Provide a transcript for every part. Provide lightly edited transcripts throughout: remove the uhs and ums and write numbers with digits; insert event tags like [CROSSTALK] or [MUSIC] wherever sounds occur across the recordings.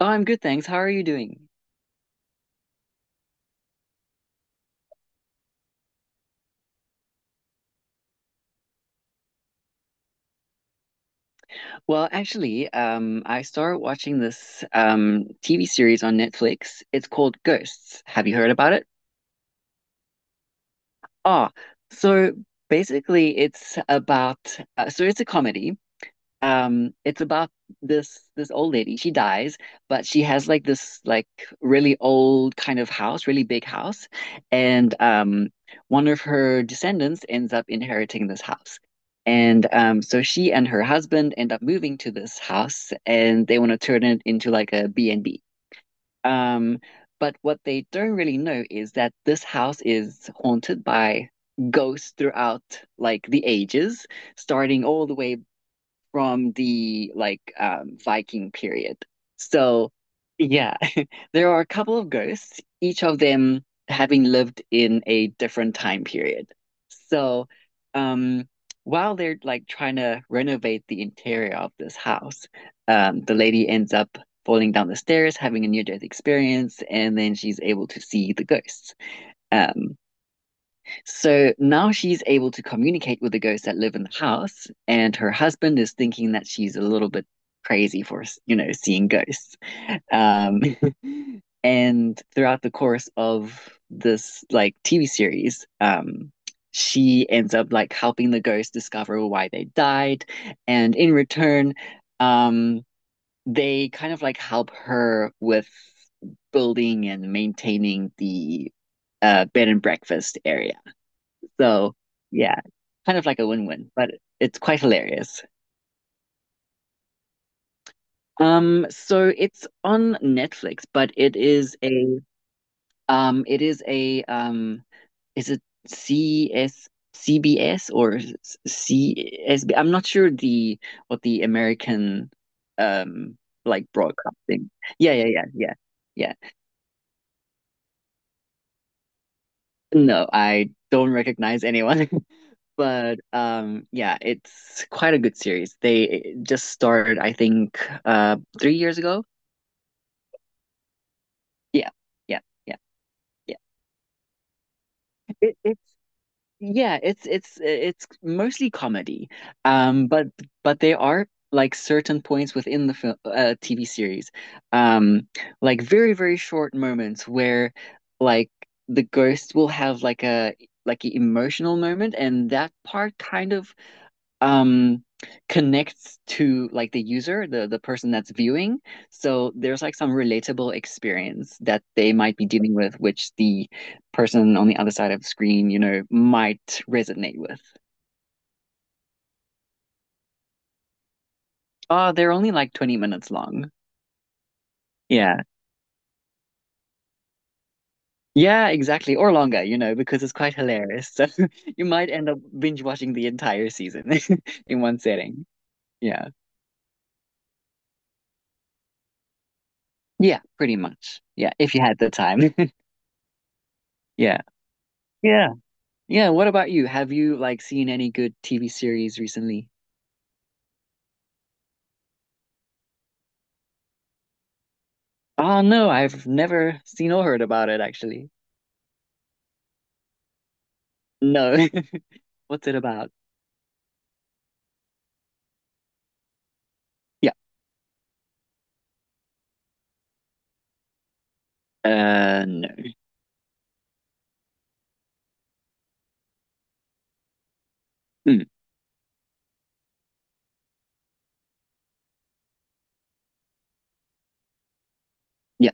Oh, I'm good, thanks. How are you doing? Well, actually, I started watching this TV series on Netflix. It's called Ghosts. Have you heard about it? Ah, so basically, it's about so it's a comedy, it's about this old lady she dies, but she has like this like really old kind of house, really big house, and one of her descendants ends up inheriting this house. And so she and her husband end up moving to this house, and they want to turn it into like a B and b. um but what they don't really know is that this house is haunted by ghosts throughout like the ages, starting all the way from the like Viking period. So yeah, [LAUGHS] there are a couple of ghosts, each of them having lived in a different time period. So, um, while they're like trying to renovate the interior of this house, the lady ends up falling down the stairs, having a near-death experience, and then she's able to see the ghosts. Um, so now she's able to communicate with the ghosts that live in the house, and her husband is thinking that she's a little bit crazy for, seeing ghosts. Um, [LAUGHS] and throughout the course of this like TV series, she ends up like helping the ghosts discover why they died, and in return, um, they kind of like help her with building and maintaining the bed and breakfast area. So yeah, kind of like a win-win, but it's quite hilarious. So it's on Netflix, but it is a is it C S, C B S, or C S? Am not sure, the what the American, um like, broadcasting. Yeah, yeah, yeah, yeah, yeah. No, I don't recognize anyone. [LAUGHS] But yeah, it's quite a good series. They just started, I think, 3 years ago. Yeah, yeah, yeah, yeah. It's, yeah, it's mostly comedy. Um, but but there are like certain points within the film TV series, um, like very very short moments where like the ghost will have like an emotional moment, and that part kind of um connects to like the user the person that's viewing, so there's like some relatable experience that they might be dealing with, which the person on the other side of the screen might resonate with. Oh, they're only like 20 minutes long. Yeah, yeah, exactly, or longer, because it's quite hilarious. [LAUGHS] So you might end up binge watching the entire season [LAUGHS] in one setting. Yeah, yeah, pretty much, yeah, if you had the time. [LAUGHS] Yeah, yeah. Yeah, what about you? Have you like seen any good TV series recently? Oh no, I've never seen or heard about it actually. No. [LAUGHS] What's it about? Yeah. No. Mm, yeah.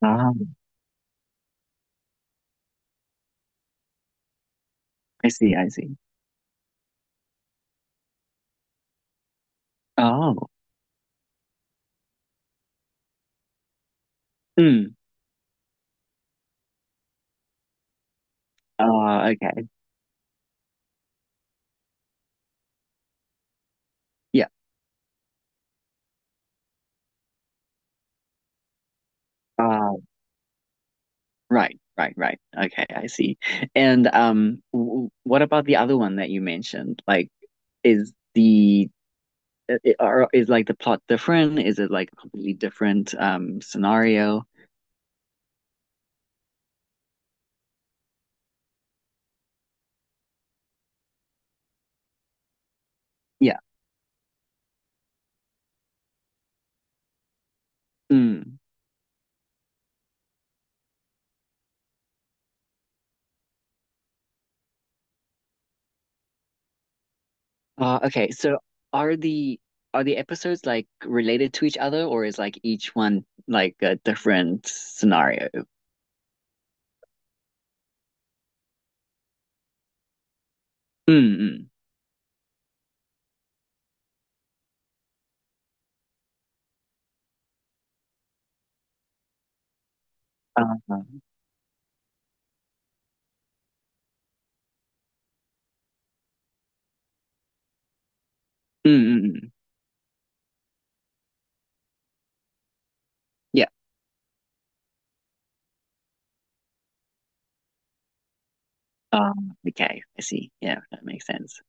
Ah, I see, I see. Oh. Mm. Okay. Yeah. Uh right, right, right. Okay, I see. And w what about the other one that you mentioned? Like, is the plot different? Is it like a completely different scenario? Yeah. Mm. Okay, so are the are the episodes like related to each other, or is like each one like a different scenario? Mm-mm. Um, mm-mm. Yeah. Okay, I see. Yeah, that makes sense.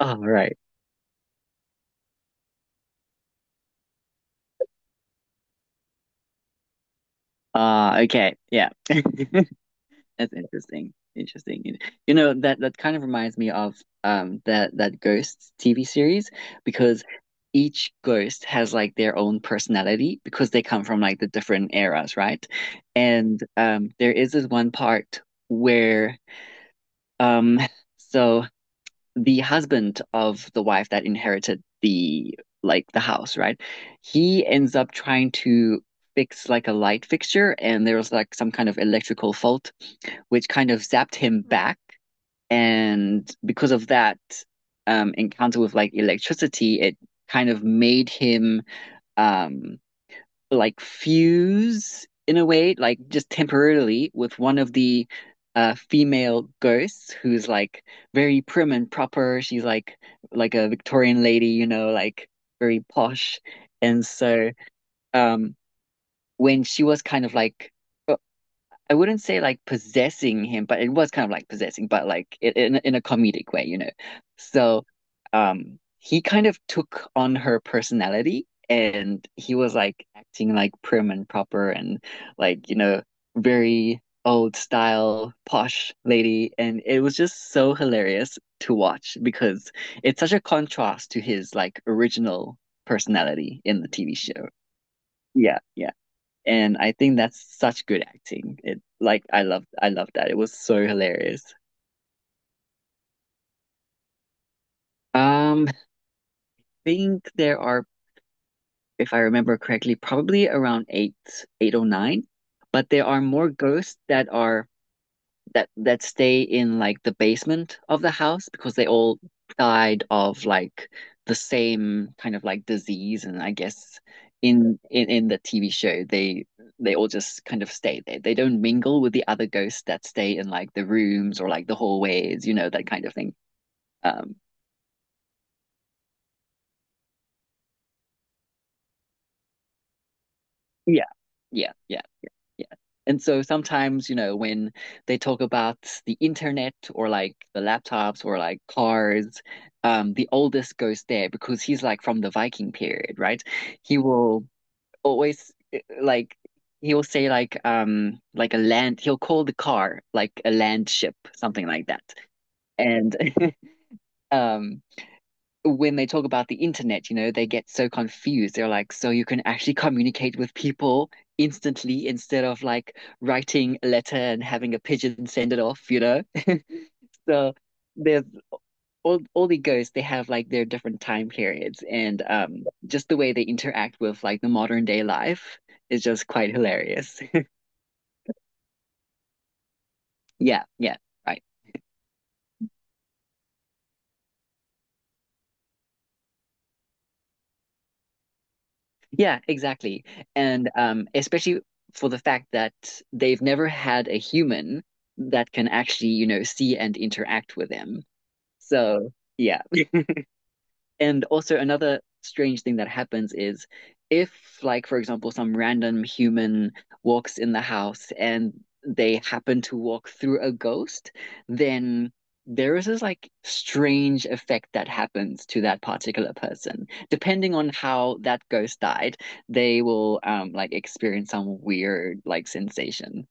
All right. Okay. Yeah. [LAUGHS] That's interesting. Interesting. You know, that kind of reminds me of that Ghosts TV series, because each ghost has like their own personality because they come from like the different eras, right? And there is this one part where, um [LAUGHS] so the husband of the wife that inherited the house, right? He ends up trying to fix like a light fixture, and there was like some kind of electrical fault which kind of zapped him back. And because of that encounter with like electricity, it kind of made him um, like fuse in a way, like just temporarily, with one of the female ghosts who's like very prim and proper. She's like a Victorian lady, you know, like very posh. And so, um, when she was kind of like, I wouldn't say like possessing him, but it was kind of like possessing, but like in a comedic way, So, he kind of took on her personality, and he was like acting like prim and proper, and like, very old style posh lady, and it was just so hilarious to watch because it's such a contrast to his like original personality in the TV show. Yeah, yeah. And I think that's such good acting. It like I loved that. It was so hilarious. I think there are, if I remember correctly, probably around eight, eight or nine, but there are more ghosts that are that that stay in like the basement of the house, because they all died of like the same kind of like disease, and I guess in the TV show they all just kind of stay there. They don't mingle with the other ghosts that stay in like the rooms or like the hallways, that kind of thing. Um yeah, yeah, yeah. Yeah. And so sometimes, when they talk about the internet or like the laptops or like cars, the oldest goes there because he's like from the Viking period, right? He will always, like, he will say like a land, he'll call the car like a land ship, something like that. And [LAUGHS] um when they talk about the internet, they get so confused. They're like, so you can actually communicate with people instantly instead of like writing a letter and having a pigeon send it off, you know? [LAUGHS] So there's all the ghosts, they have like their different time periods, and just the way they interact with like the modern day life is just quite hilarious. [LAUGHS] Yeah, yeah, right. Yeah, exactly. And especially for the fact that they've never had a human that can actually, see and interact with them. So, yeah. And also, another strange thing that happens is, if, like, for example, some random human walks in the house and they happen to walk through a ghost, then there is this like strange effect that happens to that particular person. Depending on how that ghost died, they will like experience some weird like sensation.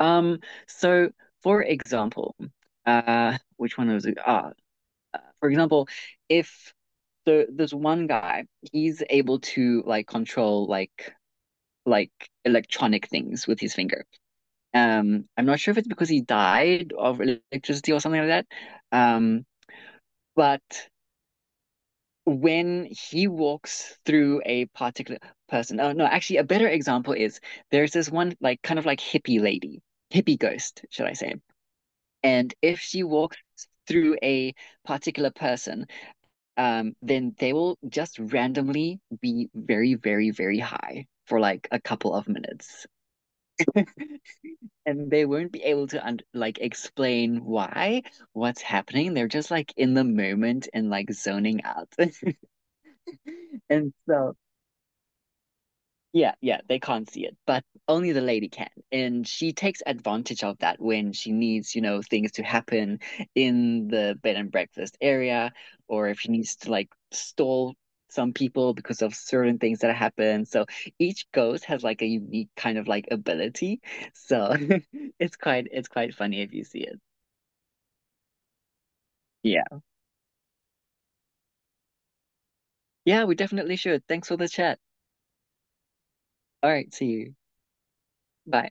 Um, so for example, which one was it? For example, if so there's one guy, he's able to like control like electronic things with his finger. I'm not sure if it's because he died of electricity or something like that. Um, but when he walks through a particular person, oh no, actually a better example is there's this one like kind of like hippie lady, hippie ghost, should I say? And if she walks through a particular person, then they will just randomly be very, very, very high for like a couple of minutes. [LAUGHS] And they won't be able to un like explain why, what's happening. They're just like in the moment and like zoning out. [LAUGHS] And so Yeah, yeah, they can't see it, but only the lady can. And she takes advantage of that when she needs, things to happen in the bed and breakfast area, or if she needs to like stall some people because of certain things that happen. So each ghost has like a unique kind of like ability. So [LAUGHS] it's quite funny if you see it. Yeah. Yeah, we definitely should. Thanks for the chat. All right, see you. Bye.